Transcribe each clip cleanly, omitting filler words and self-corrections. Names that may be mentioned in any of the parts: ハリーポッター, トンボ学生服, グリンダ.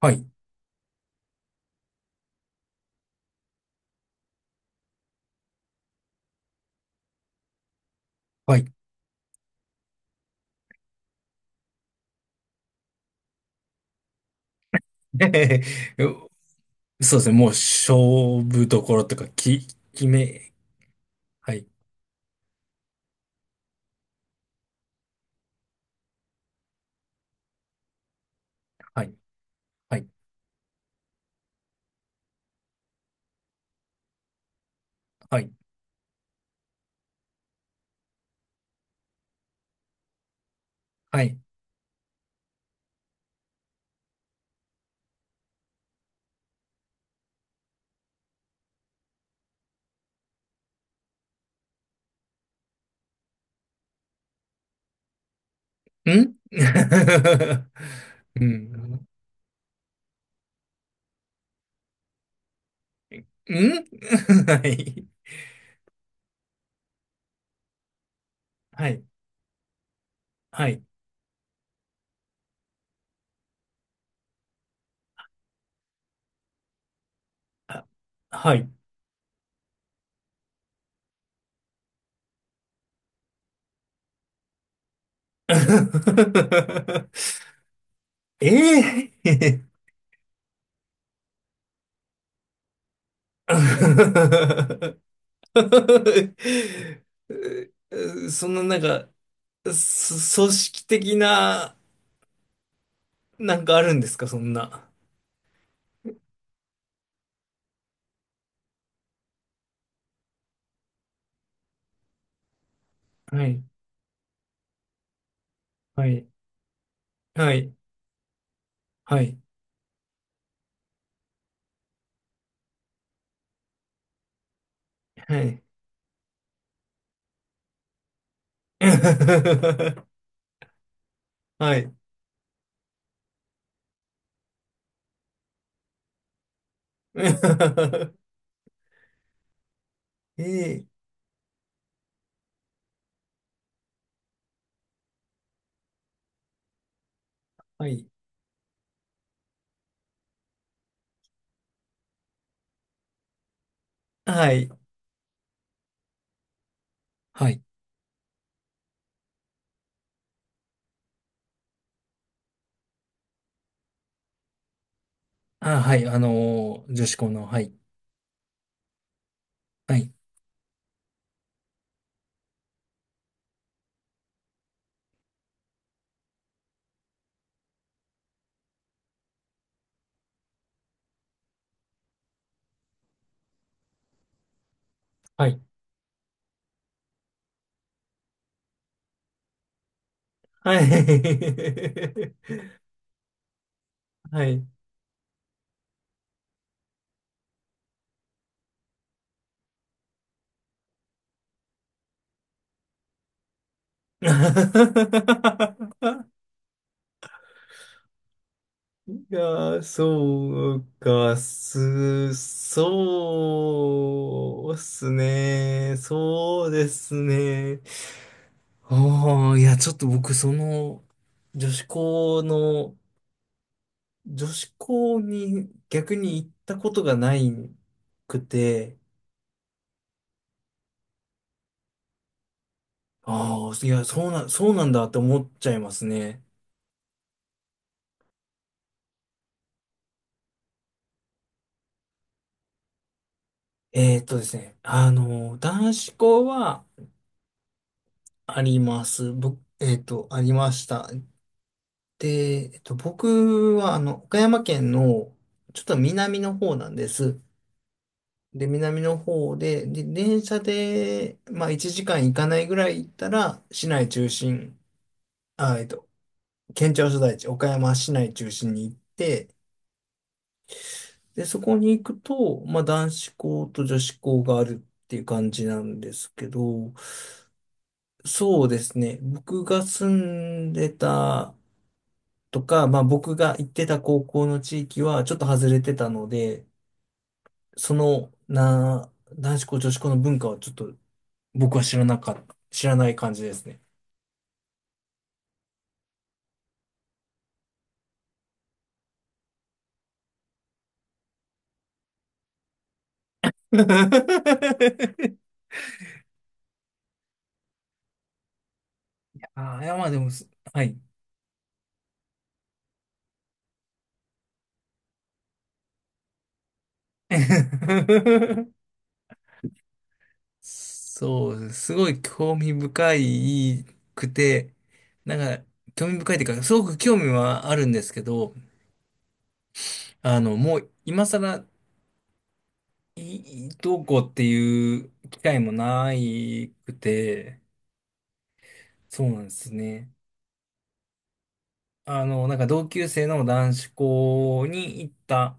はい、はい。えへへへそうですね、もう勝負どころとか、き、決め、はい、はい、はい、はい、はい。ん うん、ん はい、はい、はい、あはい。ええ そんななんか、そ組織的な、なんかあるんですか、そんな。はいはい。はい。はい。はい。はい。えーはい。はい。はい。あ、はい。女子校の、はい。はい。はい。はい。はい。いやー、そうか、す、そうっすね。そうですね。ああ、いや、ちょっと僕、その、女子校の、女子校に逆に行ったことがないくて、ああ、いや、そうな、そうなんだって思っちゃいますね。ですね、男子校はあります。僕、えーっと、ありました。で、えっと、僕は、あの、岡山県の、ちょっと南の方なんです。で、南の方で、で、電車で、まあ、1時間行かないぐらい行ったら、市内中心、あ、えっと、県庁所在地、岡山市内中心に行って、で、そこに行くと、まあ、男子校と女子校があるっていう感じなんですけど、そうですね。僕が住んでたとか、まあ、僕が行ってた高校の地域はちょっと外れてたので、その、な、男子校、女子校の文化はちょっと僕は知らなかった、知らない感じですね。ああ、いや、まあでもす、はい。そうす。ごい興味深いくて、なんか、興味深いっていうか、すごく興味はあるんですけど、あの、もう今更、いいどうこうっていう機会もないくて、そうなんですね。あの、なんか同級生の男子校に行った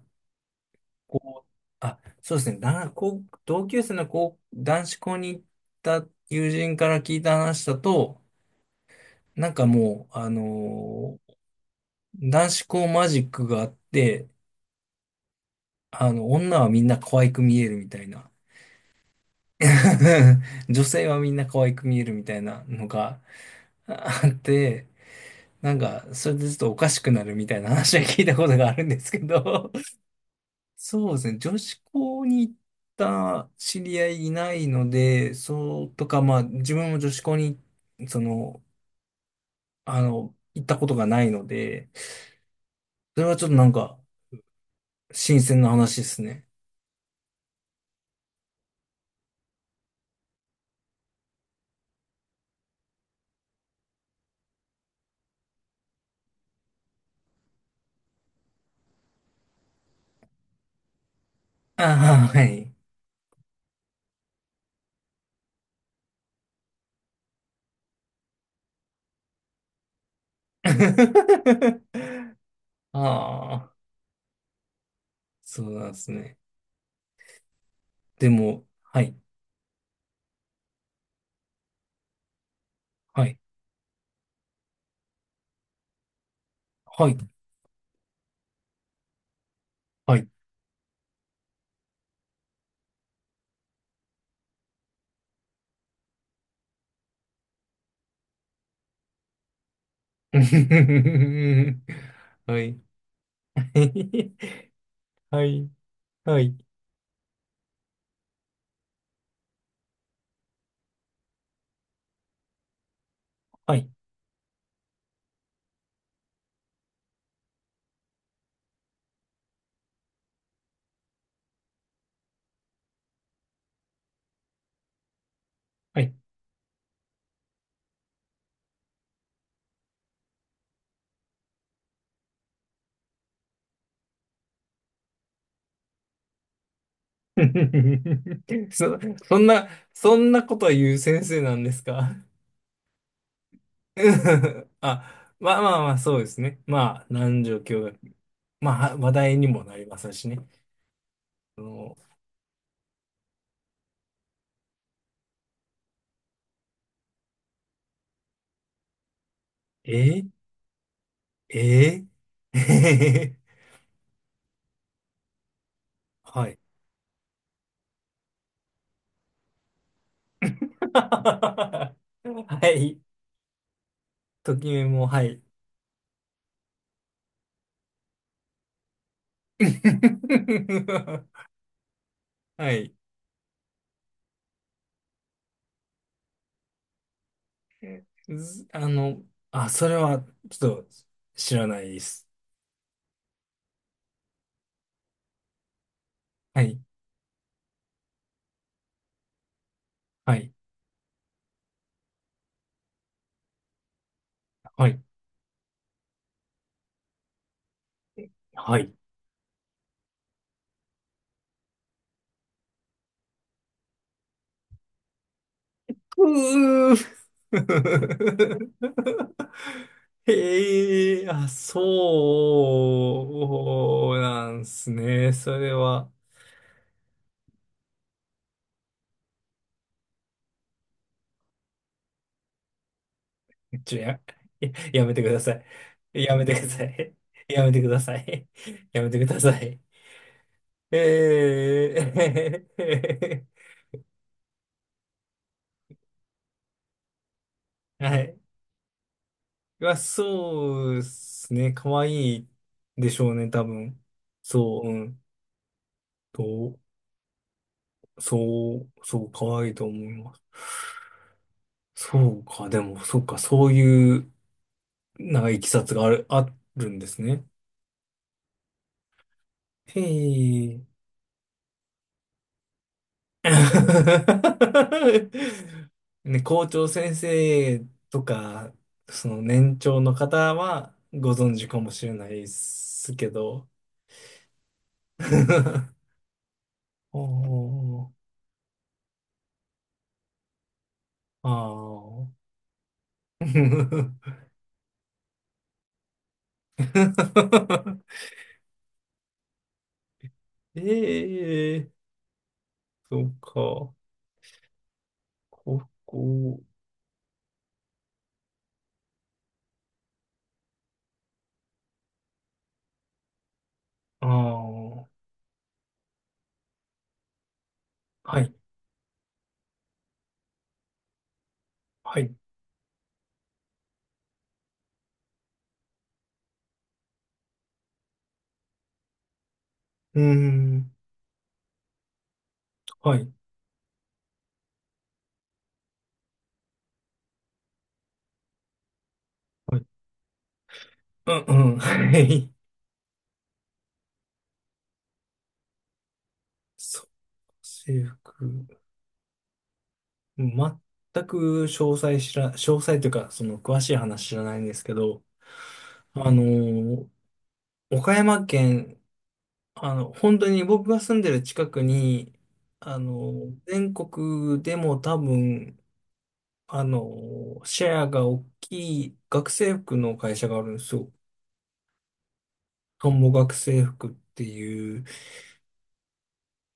子、あ、そうですね、だ、こう同級生の子、男子校に行った友人から聞いた話だと、なんかもう、あの男子校マジックがあって、あの、女はみんな可愛く見えるみたいな。女性はみんな可愛く見えるみたいなのがあって、なんか、それでちょっとおかしくなるみたいな話は聞いたことがあるんですけど、そうですね、女子校に行った知り合いいないので、そうとか、まあ、自分も女子校に、その、あの、行ったことがないので、それはちょっとなんか、新鮮な話ですね。ああ、はい。ああ、そうなんですね。でも、はい、はい、はい、はい。はい、はい、はい、はい、はい。そ、そんな、そんなことは言う先生なんですか？ あ、まあまあまあ、そうですね。まあ、何状況学。まあ、話題にもなりますしね。あの、ええええ はい。はい。ときめも、はい。はい。ずあの、あ、それは、ちょっと、知らないです。はい。はい。はい。はい。うー へえ、あ、そうなんすね。それは、ちょ、や、ややめてください。やめてください。やめてください。やめてください。ええ はい。まあ、そうですね。可愛いでしょうね、多分。そう、うん。と、そう、そう、可愛いと思います。そうか、でも、そうか、そういう、なんか、いきさつがある、あるんですね。へえ。ね、校長先生とか、その年長の方はご存知かもしれないですけど、おー、ああ。ええそうか。ここ、ああ、はい、はい。うーん、はい、はい。うん、うん、はい。そう、制服。全く詳細知ら、詳細というか、その詳しい話知らないんですけど、あのー岡山県本当に僕が住んでる近くに、あの、全国でも多分、あの、シェアが大きい学生服の会社があるんですよ。トンボ学生服っていう。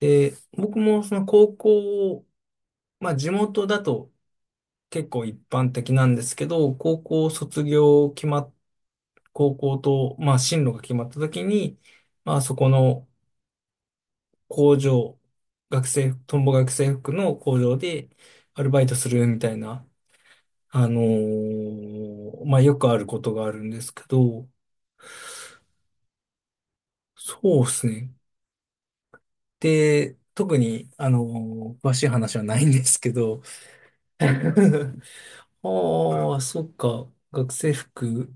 で、僕もその高校、まあ地元だと結構一般的なんですけど、高校卒業決まっ、高校と、まあ進路が決まった時に、まあそこの工場、学生、トンボ学生服の工場でアルバイトするみたいな、まあ、よくあることがあるんですけど、そうですね。で、特に、詳しい話はないんですけど、ああ、そっか。学生服、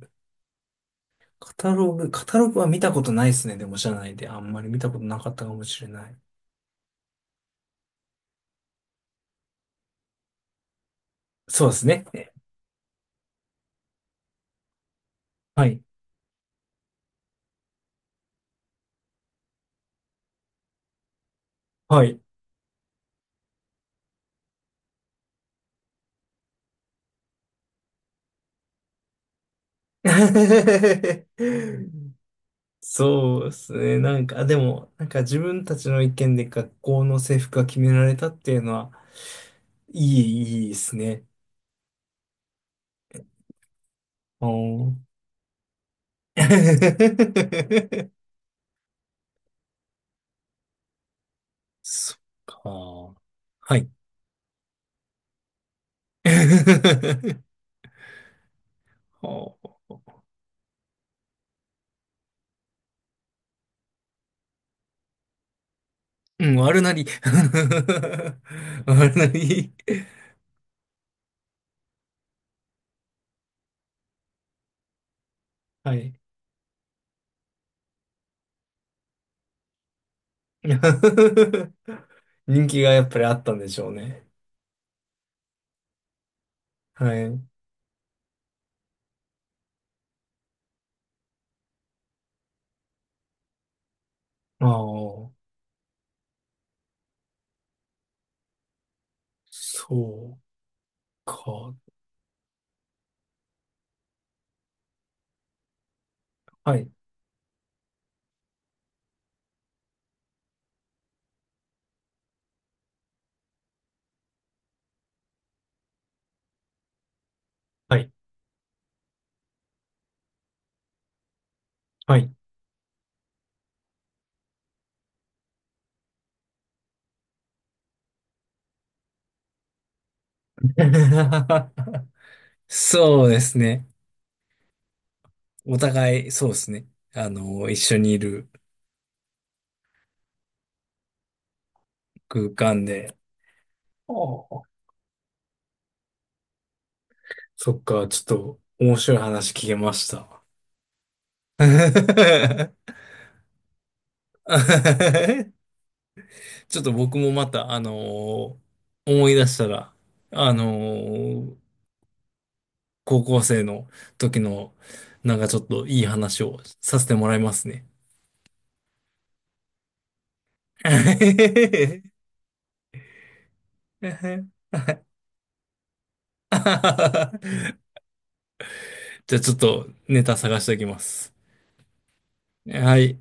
カタログ、カタログは見たことないですね。でも社内であんまり見たことなかったかもしれない。そうですね。はい。はい。そうですね。なんか、でも、なんか自分たちの意見で学校の制服が決められたっていうのは、いい、いいですね。おー そっか。はい。はあうん、悪なり。悪なり。はい。人気がやっぱりあったんでしょうね。はい。ああ、そうか。はい。はい。はい。そうですね。お互い、そうですね。あの、一緒にいる空間で。ああそっか、ちょっと面白い話聞けました。ちょっと僕もまた、ー思い出したら、あのー高校生の時の、なんかちょっといい話をさせてもらいますね。じゃあちょっとネタ探しておきます。はい。